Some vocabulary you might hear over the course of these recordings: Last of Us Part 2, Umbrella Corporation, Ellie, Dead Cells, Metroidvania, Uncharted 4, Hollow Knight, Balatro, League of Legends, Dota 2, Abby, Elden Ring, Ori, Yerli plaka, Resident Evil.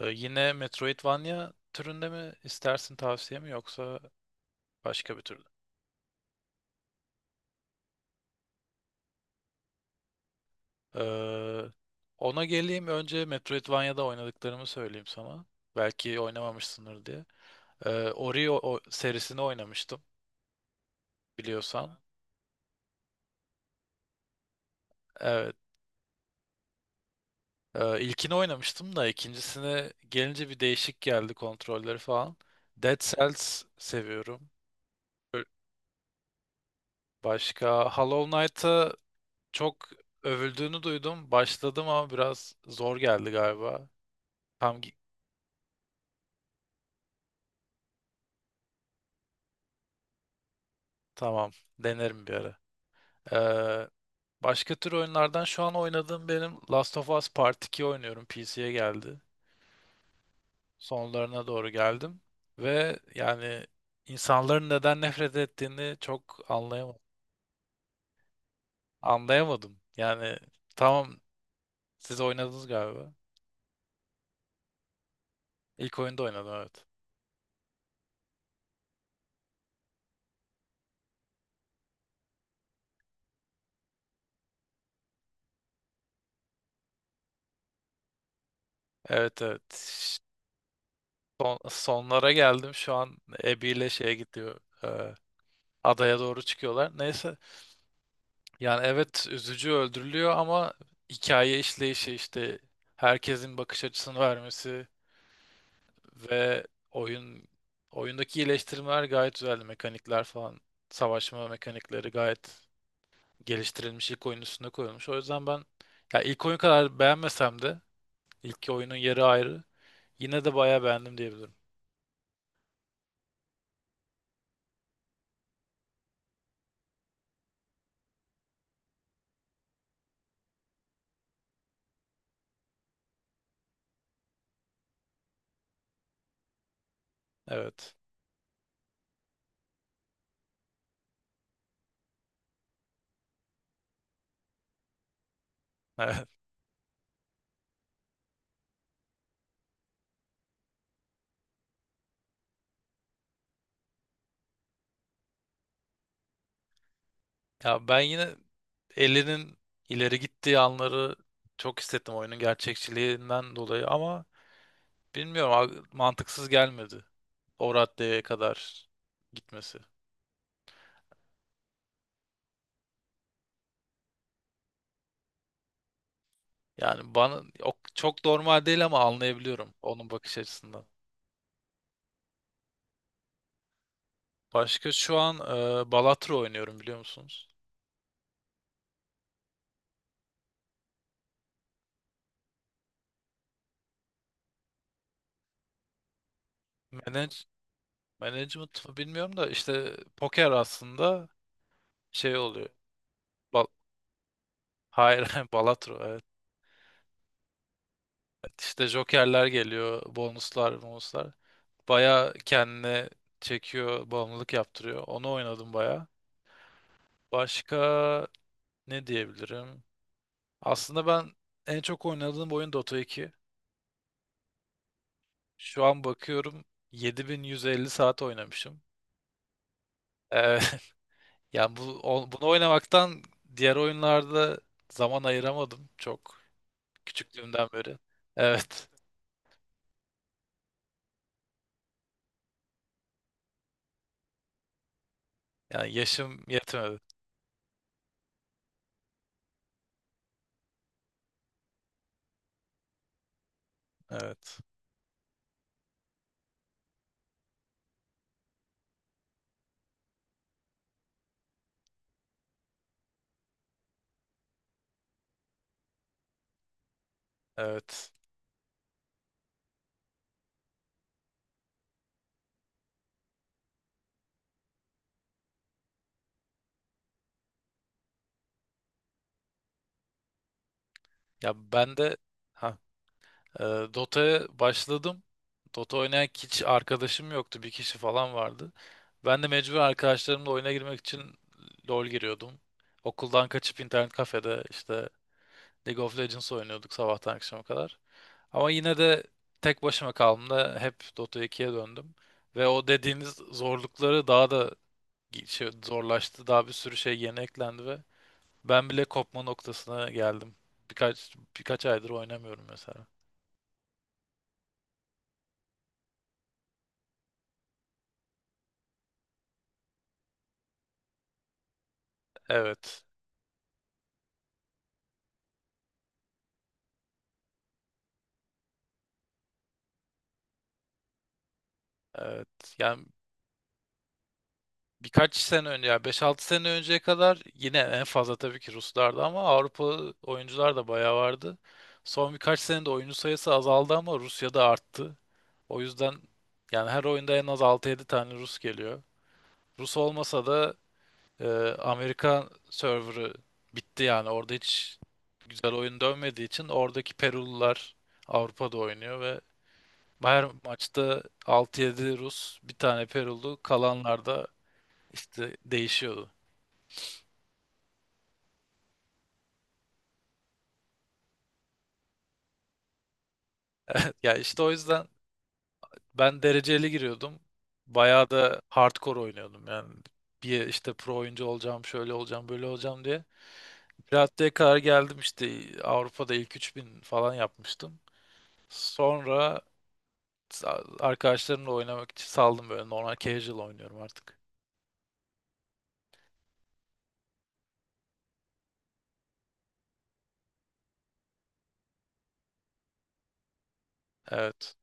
Yine Metroidvania türünde mi istersin tavsiye mi yoksa başka bir türlü? Ee, Ona geleyim önce Metroidvania'da oynadıklarımı söyleyeyim sana. Belki oynamamışsındır diye. Ori o serisini oynamıştım biliyorsan. Evet. İlkini oynamıştım da ikincisine gelince bir değişik geldi kontrolleri falan. Dead Cells seviyorum. Ö- Başka Hollow Knight'a çok övüldüğünü duydum. Başladım ama biraz zor geldi galiba. Tam, tamam. Denerim bir ara. Ee, Başka tür oyunlardan şu an oynadığım benim Last of Us Part 2 oynuyorum. PC'ye geldi. Sonlarına doğru geldim. Ve yani insanların neden nefret ettiğini çok anlayamadım. Anlayamadım. Yani tamam, siz oynadınız galiba. İlk oyunda oynadım, evet. Evet, evet. Sonlara geldim. Şu an Abby ile şeye gidiyor. Adaya doğru çıkıyorlar. Neyse, yani evet, üzücü, öldürülüyor ama hikaye işleyişi, işte herkesin bakış açısını vermesi ve oyundaki iyileştirmeler gayet güzeldi. Mekanikler falan, savaşma mekanikleri gayet geliştirilmiş, ilk oyunun üstüne koyulmuş. O yüzden ben, ya ilk oyun kadar beğenmesem de ilk oyunun yeri ayrı. Yine de bayağı beğendim diyebilirim. Evet. Evet. Ya ben yine Ellie'nin ileri gittiği anları çok hissettim oyunun gerçekçiliğinden dolayı ama bilmiyorum abi, mantıksız gelmedi. O raddeye kadar gitmesi. Yani bana o çok normal değil ama anlayabiliyorum onun bakış açısından. Başka şu an Balatro oynuyorum, biliyor musunuz? Manage, Management mı bilmiyorum da işte poker aslında şey oluyor. Bal- Hayır, Balatro, evet. İşte jokerler geliyor, bonuslar, bonuslar. Baya kendine çekiyor, bağımlılık yaptırıyor. Onu oynadım baya. Başka ne diyebilirim? Aslında ben en çok oynadığım oyun Dota 2. Şu an bakıyorum, 7.150 saat oynamışım. Ee, Yani bunu oynamaktan diğer oyunlarda zaman ayıramadım çok, küçüklüğümden beri. Evet. Yani yaşım yetmedi. Evet. Evet. Ya ben de. Ee, Dota'ya başladım. Dota oynayan hiç arkadaşım yoktu. Bir kişi falan vardı. Ben de mecbur arkadaşlarımla oyuna girmek için LoL giriyordum. Okuldan kaçıp internet kafede işte League of Legends oynuyorduk sabahtan akşama kadar. Ama yine de tek başıma kaldığımda hep Dota 2'ye döndüm. Ve o dediğiniz zorlukları daha da zorlaştı. Daha bir sürü şey yeni eklendi ve ben bile kopma noktasına geldim. Birkaç aydır oynamıyorum mesela. Evet. Evet, yani birkaç sene önce, ya 5-6 sene önceye kadar yine en fazla tabii ki Ruslardı ama Avrupa oyuncular da bayağı vardı. Son birkaç senede oyuncu sayısı azaldı ama Rusya'da arttı. O yüzden yani her oyunda en az 6-7 tane Rus geliyor. Rus olmasa da e, Amerikan serverı bitti, yani orada hiç güzel oyun dönmediği için oradaki Perulular Avrupa'da oynuyor ve her maçta 6-7 Rus, bir tane Perulu, kalanlar da İşte değişiyordu. Ya işte o yüzden ben dereceli giriyordum. Bayağı da hardcore oynuyordum yani. Bir işte pro oyuncu olacağım, şöyle olacağım, böyle olacağım diye. Pirate'ye kadar geldim, işte Avrupa'da ilk 3.000 falan yapmıştım. Sonra arkadaşlarımla oynamak için saldım, böyle normal casual oynuyorum artık. Evet.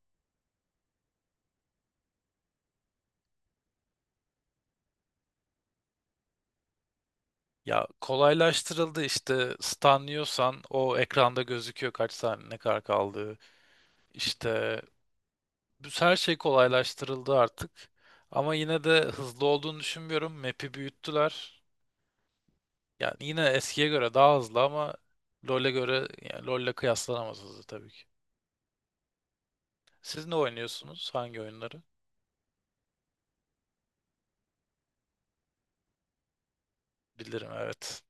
Ya kolaylaştırıldı, işte stunlıyorsan o ekranda gözüküyor kaç saniye ne kadar kaldığı. İşte bu her şey kolaylaştırıldı artık. Ama yine de hızlı olduğunu düşünmüyorum. Map'i büyüttüler. Yani yine eskiye göre daha hızlı ama LoL'e göre, yani LoL'le kıyaslanamaz, hızlı tabii ki. Siz ne oynuyorsunuz? Hangi oyunları? Bilirim, evet.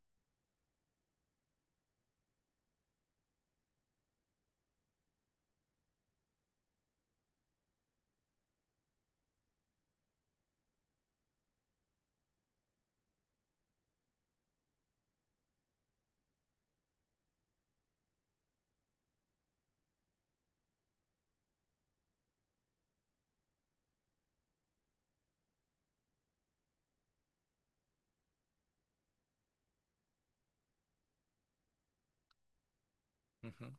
Hı hı.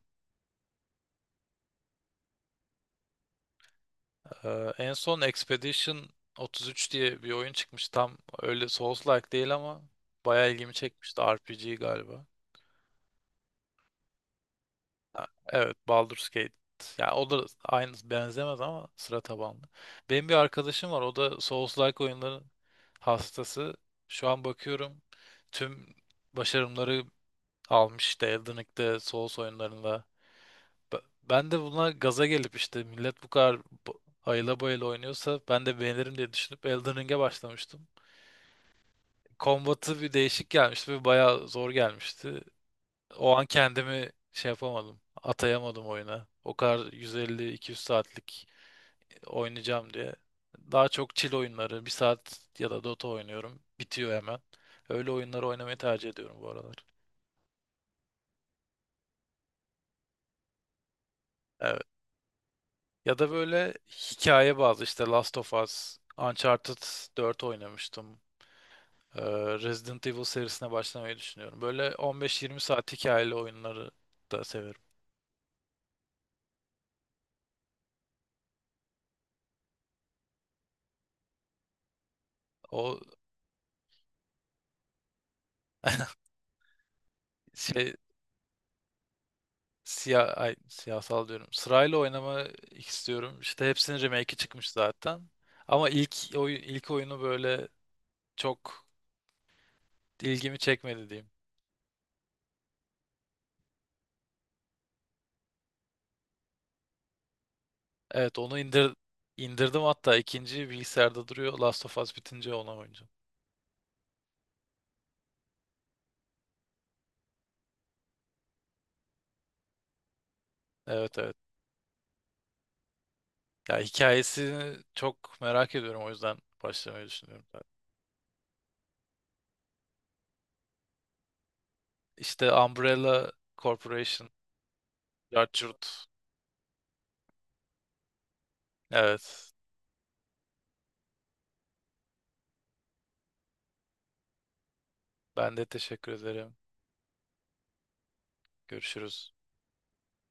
En son Expedition 33 diye bir oyun çıkmış. Tam öyle Souls-like değil ama bayağı ilgimi çekmişti. RPG galiba. Evet, Baldur's Gate. Ya o da aynı, benzemez ama sıra tabanlı. Benim bir arkadaşım var. O da Souls-like oyunların hastası. Şu an bakıyorum, tüm başarımları almış işte Elden Ring'de, Souls oyunlarında. Ben de buna gaza gelip işte millet bu kadar bu- ayıla bayıla oynuyorsa ben de beğenirim diye düşünüp Elden Ring'e başlamıştım. Kombatı bir değişik gelmişti ve bayağı zor gelmişti. O an kendimi şey yapamadım, atayamadım oyuna. O kadar 150-200 saatlik oynayacağım diye. Daha çok chill oyunları, bir saat ya da Dota oynuyorum. Bitiyor hemen. Öyle oyunları oynamayı tercih ediyorum bu aralar. Evet. Ya da böyle hikaye bazı, işte Last of Us, Uncharted 4 oynamıştım. Ee, Resident Evil serisine başlamayı düşünüyorum. Böyle 15-20 saat hikayeli oyunları da severim. O şey, siyasal diyorum. Sırayla oynamak istiyorum. İşte hepsinin remake'i çıkmış zaten. Ama ilk oyunu böyle çok ilgimi çekmedi diyeyim. Evet, onu indirdim hatta, ikinci bilgisayarda duruyor. Last of Us bitince ona oynayacağım. Evet, evet. Ya hikayesini çok merak ediyorum, o yüzden başlamayı düşünüyorum zaten. İşte Umbrella Corporation, Judge. Evet. Ben de teşekkür ederim. Görüşürüz.